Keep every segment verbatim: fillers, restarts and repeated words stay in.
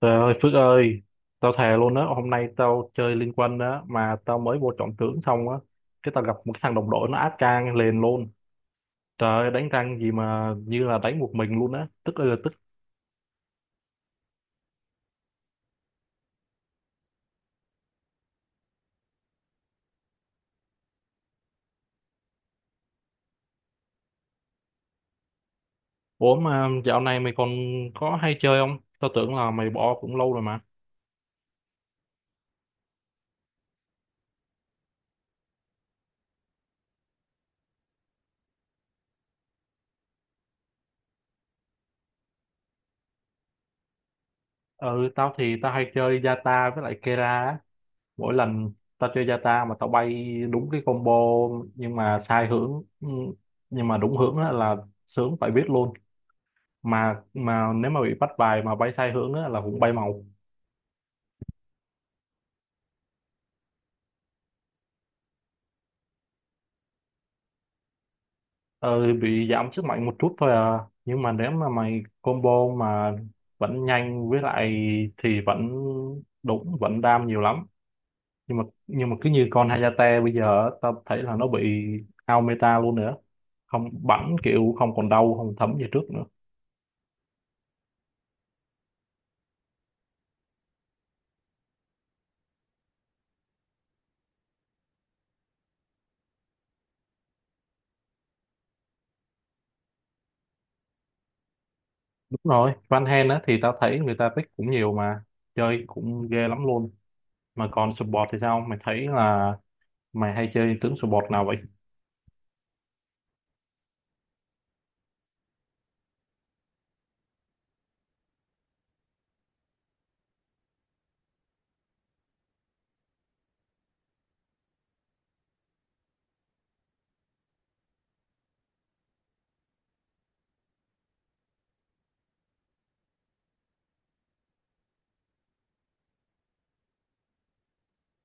Trời ơi Phước ơi, tao thề luôn á, hôm nay tao chơi Liên Quân á, mà tao mới vô chọn tướng xong á, cái tao gặp một cái thằng đồng đội nó áp trang liền luôn. Trời ơi, đánh răng gì mà như là đánh một mình luôn á, tức ơi là tức. Ủa mà dạo này mày còn có hay chơi không? Tao tưởng là mày bỏ cũng lâu rồi mà. Ừ, tao thì tao hay chơi Yata với lại Kera á. Mỗi lần tao chơi Yata mà tao bay đúng cái combo nhưng mà sai hướng, ừ, nhưng mà đúng hướng á là sướng phải biết luôn. mà mà nếu mà bị bắt bài mà bay sai hướng á, là cũng bay màu. ờ, bị giảm sức mạnh một chút thôi à, nhưng mà nếu mà mày combo mà vẫn nhanh với lại thì vẫn đúng, vẫn đam nhiều lắm. Nhưng mà nhưng mà cứ như con Hayate bây giờ á, tao thấy là nó bị out meta luôn nữa, không bắn kiểu không còn đau không thấm như trước nữa. Đúng rồi, Van Hen á thì tao thấy người ta pick cũng nhiều mà chơi cũng ghê lắm luôn. Mà còn support thì sao, mày thấy là mày hay chơi tướng support nào vậy?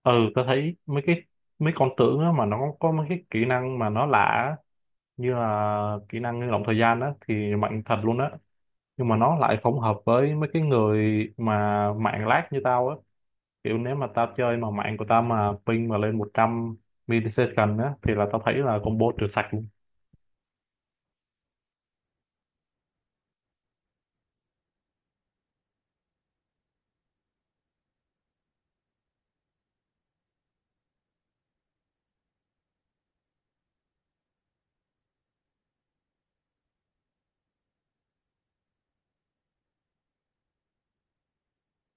Ừ, tao thấy mấy cái mấy con tướng á mà nó có mấy cái kỹ năng mà nó lạ á, như là kỹ năng ngưng động thời gian á thì mạnh thật luôn á, nhưng mà nó lại không hợp với mấy cái người mà mạng lag như tao á. Kiểu nếu mà tao chơi mà mạng của tao mà ping mà lên một trăm millisecond á thì là tao thấy là combo trừ sạch luôn.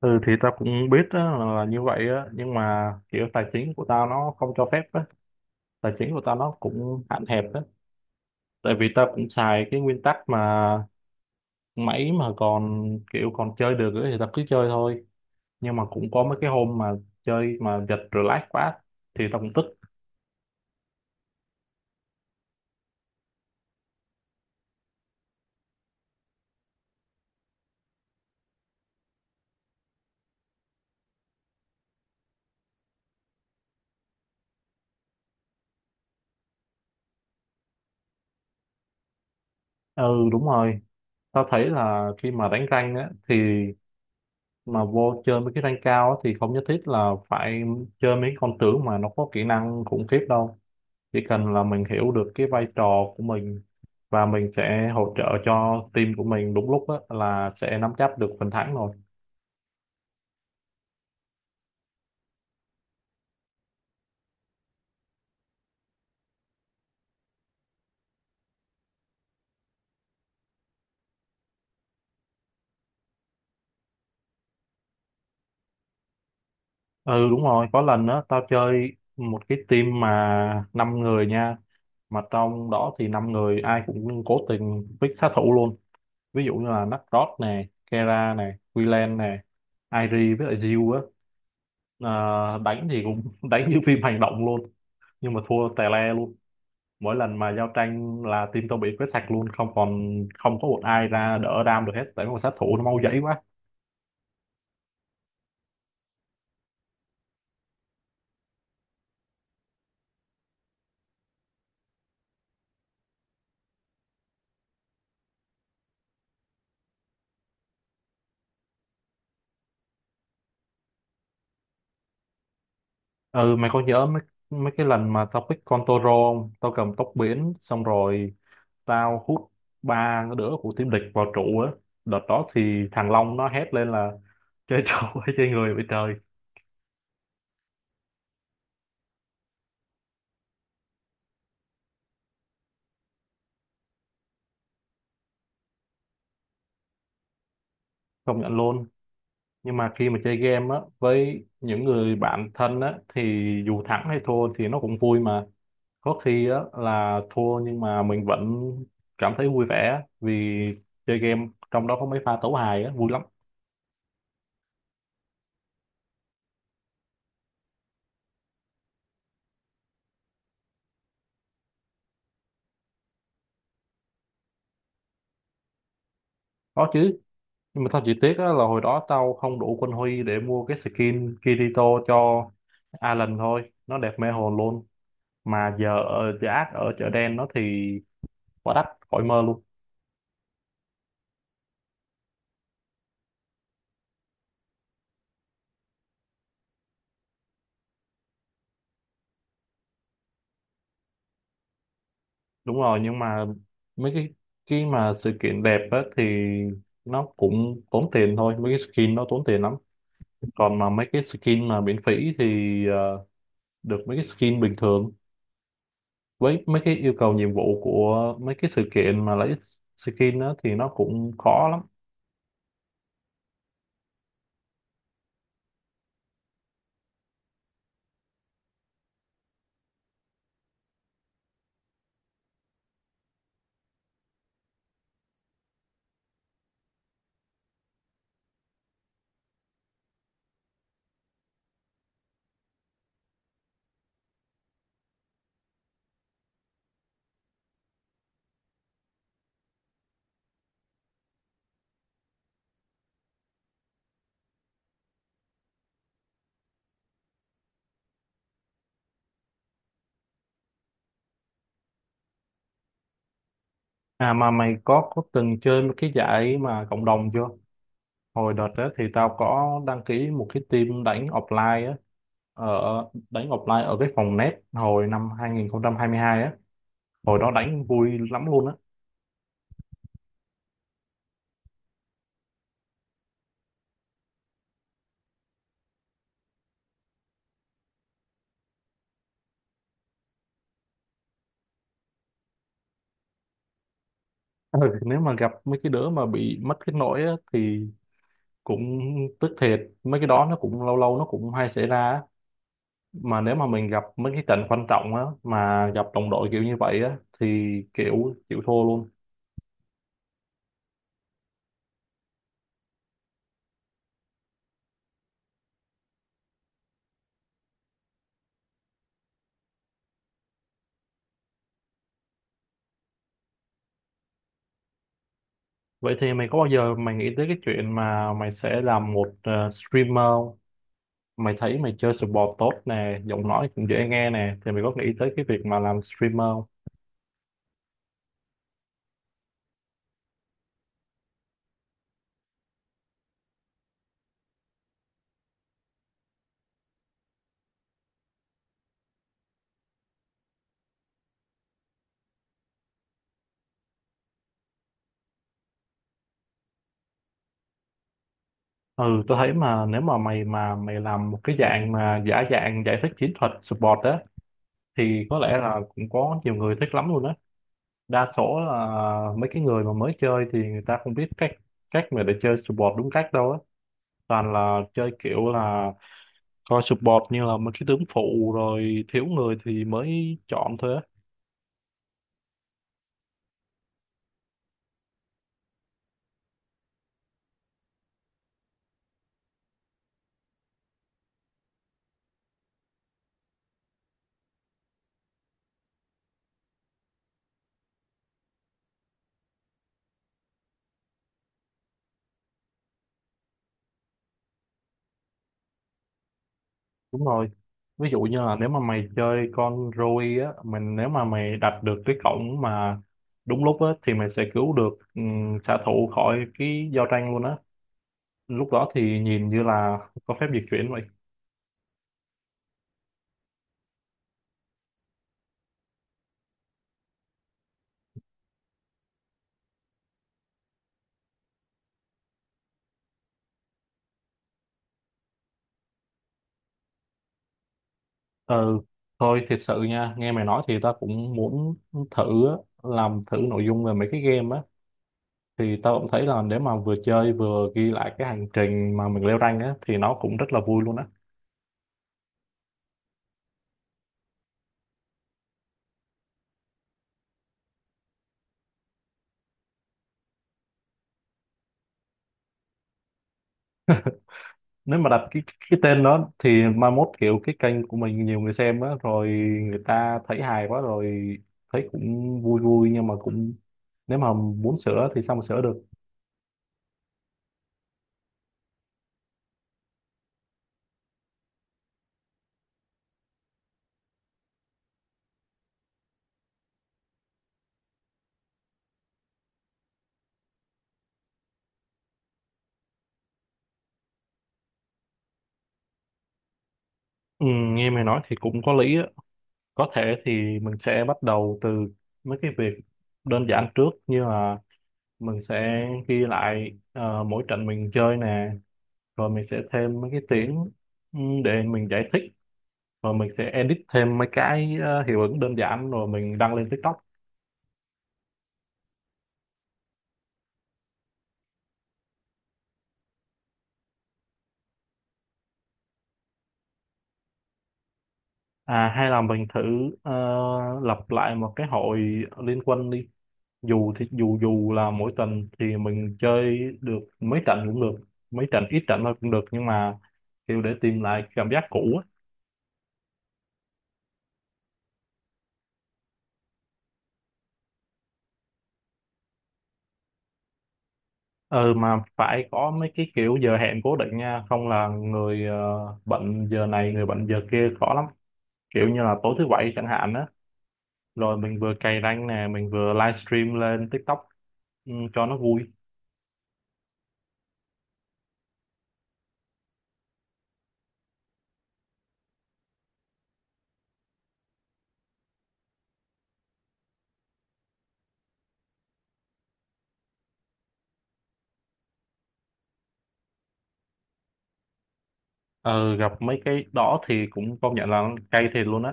Ừ thì tao cũng biết á, là, là như vậy á, nhưng mà kiểu tài chính của tao nó không cho phép á, tài chính của tao nó cũng hạn hẹp á. Tại vì tao cũng xài cái nguyên tắc mà mấy mà còn kiểu còn chơi được ấy thì tao cứ chơi thôi. Nhưng mà cũng có mấy cái hôm mà chơi mà giật relax quá thì tao cũng tức. Ừ đúng rồi, tao thấy là khi mà đánh rank á thì mà vô chơi mấy cái rank cao á, thì không nhất thiết là phải chơi mấy con tướng mà nó có kỹ năng khủng khiếp đâu. Chỉ cần là mình hiểu được cái vai trò của mình và mình sẽ hỗ trợ cho team của mình đúng lúc á là sẽ nắm chắc được phần thắng rồi. Ừ đúng rồi, có lần đó tao chơi một cái team mà năm người nha, mà trong đó thì năm người ai cũng cố tình pick sát thủ luôn. Ví dụ như là Nakrod nè, Kera nè, Willian nè, Airi với lại Jill á, Ờ, đánh thì cũng đánh như phim hành động luôn, nhưng mà thua tè le luôn. Mỗi lần mà giao tranh là team tao bị quét sạch luôn, không còn không có một ai ra đỡ đam được hết, tại mấy con sát thủ nó mau dãy quá. Ừ mày có nhớ mấy mấy cái lần mà tao pick con Toro không? Tao cầm tóc biển xong rồi tao hút ba đứa của team địch vào trụ á. Đợt đó thì thằng Long nó hét lên là chơi trâu hay chơi người vậy trời. Công nhận luôn, nhưng mà khi mà chơi game á với những người bạn thân á thì dù thắng hay thua thì nó cũng vui mà. Có khi á là thua nhưng mà mình vẫn cảm thấy vui vẻ á, vì chơi game trong đó có mấy pha tấu hài á vui lắm. Có chứ, nhưng mà tao chỉ tiếc á là hồi đó tao không đủ quân huy để mua cái skin Kirito cho Alan thôi, nó đẹp mê hồn luôn. Mà giờ ở giá ác ở chợ đen nó thì quá đắt, khỏi mơ luôn. Đúng rồi, nhưng mà mấy cái cái mà sự kiện đẹp á thì nó cũng tốn tiền thôi, mấy cái skin nó tốn tiền lắm. Còn mà mấy cái skin mà miễn phí thì ờ, được mấy cái skin bình thường, với mấy cái yêu cầu nhiệm vụ của mấy cái sự kiện mà lấy skin á thì nó cũng khó lắm. À mà mày có có từng chơi một cái giải mà cộng đồng chưa? Hồi đợt đó thì tao có đăng ký một cái team đánh offline á, ở đánh offline ở cái phòng net hồi năm hai hai nghìn không trăm hai mươi hai á, hồi đó đánh vui lắm luôn á. Ừ. Nếu mà gặp mấy cái đứa mà bị mất kết nối á, thì cũng tức thiệt, mấy cái đó nó cũng lâu lâu nó cũng hay xảy ra á. Mà nếu mà mình gặp mấy cái trận quan trọng á mà gặp đồng đội kiểu như vậy á thì kiểu chịu thua luôn. Vậy thì mày có bao giờ mày nghĩ tới cái chuyện mà mày sẽ làm một ờ, streamer không? Mày thấy mày chơi sport tốt nè, giọng nói cũng dễ nghe nè, thì mày có nghĩ tới cái việc mà làm streamer? Ừ, tôi thấy mà nếu mà mày mà mày làm một cái dạng mà giả dạng giải thích chiến thuật support á thì có lẽ là cũng có nhiều người thích lắm luôn á. Đa số là mấy cái người mà mới chơi thì người ta không biết cách cách mà để chơi support đúng cách đâu á. Toàn là chơi kiểu là coi support như là một cái tướng phụ rồi thiếu người thì mới chọn thôi á. Đúng rồi, ví dụ như là nếu mà mày chơi con Rui á, mình nếu mà mày đặt được cái cổng mà đúng lúc á thì mày sẽ cứu được um, xạ thủ khỏi cái giao tranh luôn á, lúc đó thì nhìn như là có phép dịch chuyển vậy. Ừ thôi, thiệt sự nha, nghe mày nói thì tao cũng muốn thử á, làm thử nội dung về mấy cái game á, thì tao cũng thấy là nếu mà vừa chơi vừa ghi lại cái hành trình mà mình leo rank á thì nó cũng rất là vui luôn á. Nếu mà đặt cái cái tên đó thì mai mốt kiểu cái kênh của mình nhiều người xem á rồi, người ta thấy hài quá rồi, thấy cũng vui vui, nhưng mà cũng nếu mà muốn sửa thì sao mà sửa được. Ừ, nghe mày nói thì cũng có lý á. Có thể thì mình sẽ bắt đầu từ mấy cái việc đơn giản trước, như là mình sẽ ghi lại ờ, mỗi trận mình chơi nè, rồi mình sẽ thêm mấy cái tiếng ừ, để mình giải thích, rồi mình sẽ edit thêm mấy cái ờ, hiệu ứng đơn giản rồi mình đăng lên TikTok. À, hay là mình thử ờ, lập lại một cái hội liên quân đi. Dù thì dù dù là mỗi tuần thì mình chơi được mấy trận cũng được, mấy trận ít trận thôi cũng được, nhưng mà kiểu để tìm lại cảm giác cũ á. Ừ mà phải có mấy cái kiểu giờ hẹn cố định nha, không là người ờ, bận giờ này người bận giờ kia khó lắm. Kiểu như là tối thứ bảy chẳng hạn á, rồi mình vừa cày rank nè, mình vừa livestream lên TikTok ừ, cho nó vui. Ừ gặp mấy cái đó thì cũng công nhận là cay thiệt luôn á.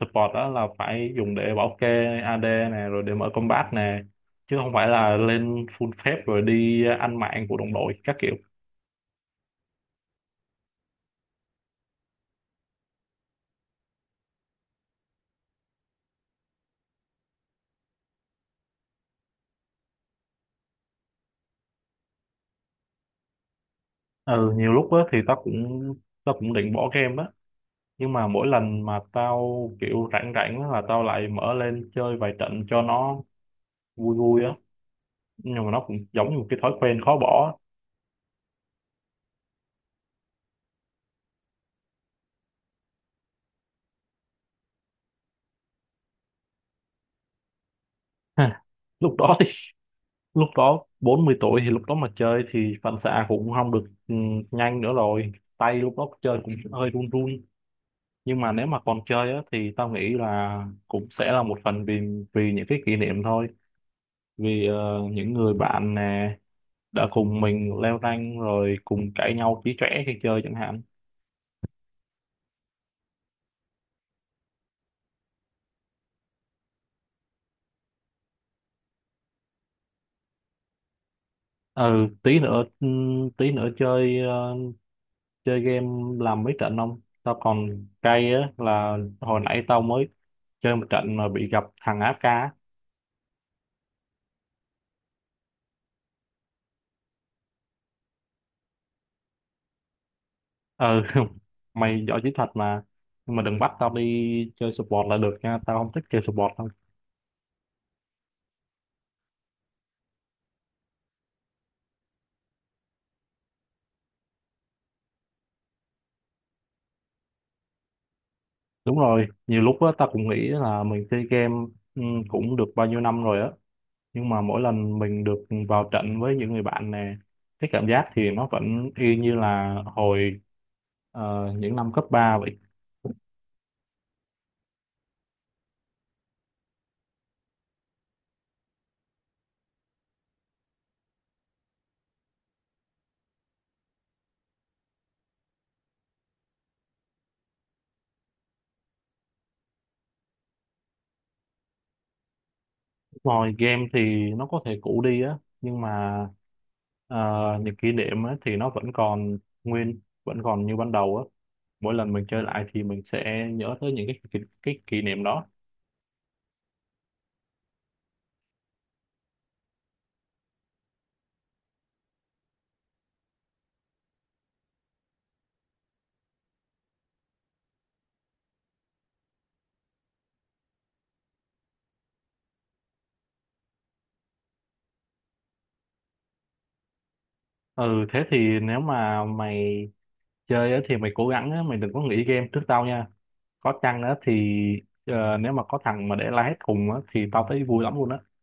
Support đó là phải dùng để bảo kê a đê này, rồi để mở combat nè, chứ không phải là lên full phép rồi đi ăn mạng của đồng đội các kiểu. Ừ nhiều lúc á thì tao cũng tao cũng định bỏ game á, nhưng mà mỗi lần mà tao kiểu rảnh rảnh á là tao lại mở lên chơi vài trận cho nó vui vui á, nhưng mà nó cũng giống như một cái thói quen khó bỏ á. Ha, lúc đó thì lúc đó bốn mươi tuổi thì lúc đó mà chơi thì phản xạ cũng không được ừ, nhanh nữa rồi, tay lúc đó chơi cũng hơi run run. Nhưng mà nếu mà còn chơi á, thì tao nghĩ là cũng sẽ là một phần vì vì những cái kỷ niệm thôi, vì ờ, những người bạn nè đã cùng mình leo rank rồi cùng cãi nhau chí chóe khi chơi chẳng hạn. Ừ tí nữa ừm, tí nữa chơi ờ, chơi game làm mấy trận không, tao còn cay á là hồi nãy tao mới chơi một trận mà bị gặp thằng a ép ca á. Ừ mày giỏi chiến thuật mà, nhưng mà đừng bắt tao đi chơi support là được nha, tao không thích chơi support đâu. Đúng rồi, nhiều lúc á, ta cũng nghĩ là mình chơi game ừ, cũng được bao nhiêu năm rồi á, nhưng mà mỗi lần mình được vào trận với những người bạn nè, cái cảm giác thì nó vẫn y như là hồi ờ, những năm cấp ba vậy. Rồi game thì nó có thể cũ đi á, nhưng mà ờ, những kỷ niệm á, thì nó vẫn còn nguyên, vẫn còn như ban đầu á. Mỗi lần mình chơi lại thì mình sẽ nhớ tới những cái kỷ, cái kỷ niệm đó. Ừ, thế thì nếu mà mày chơi á thì mày cố gắng á, mày đừng có nghỉ game trước tao nha. Có chăng á thì ờ, nếu mà có thằng mà để la hét cùng á thì tao thấy vui lắm luôn á.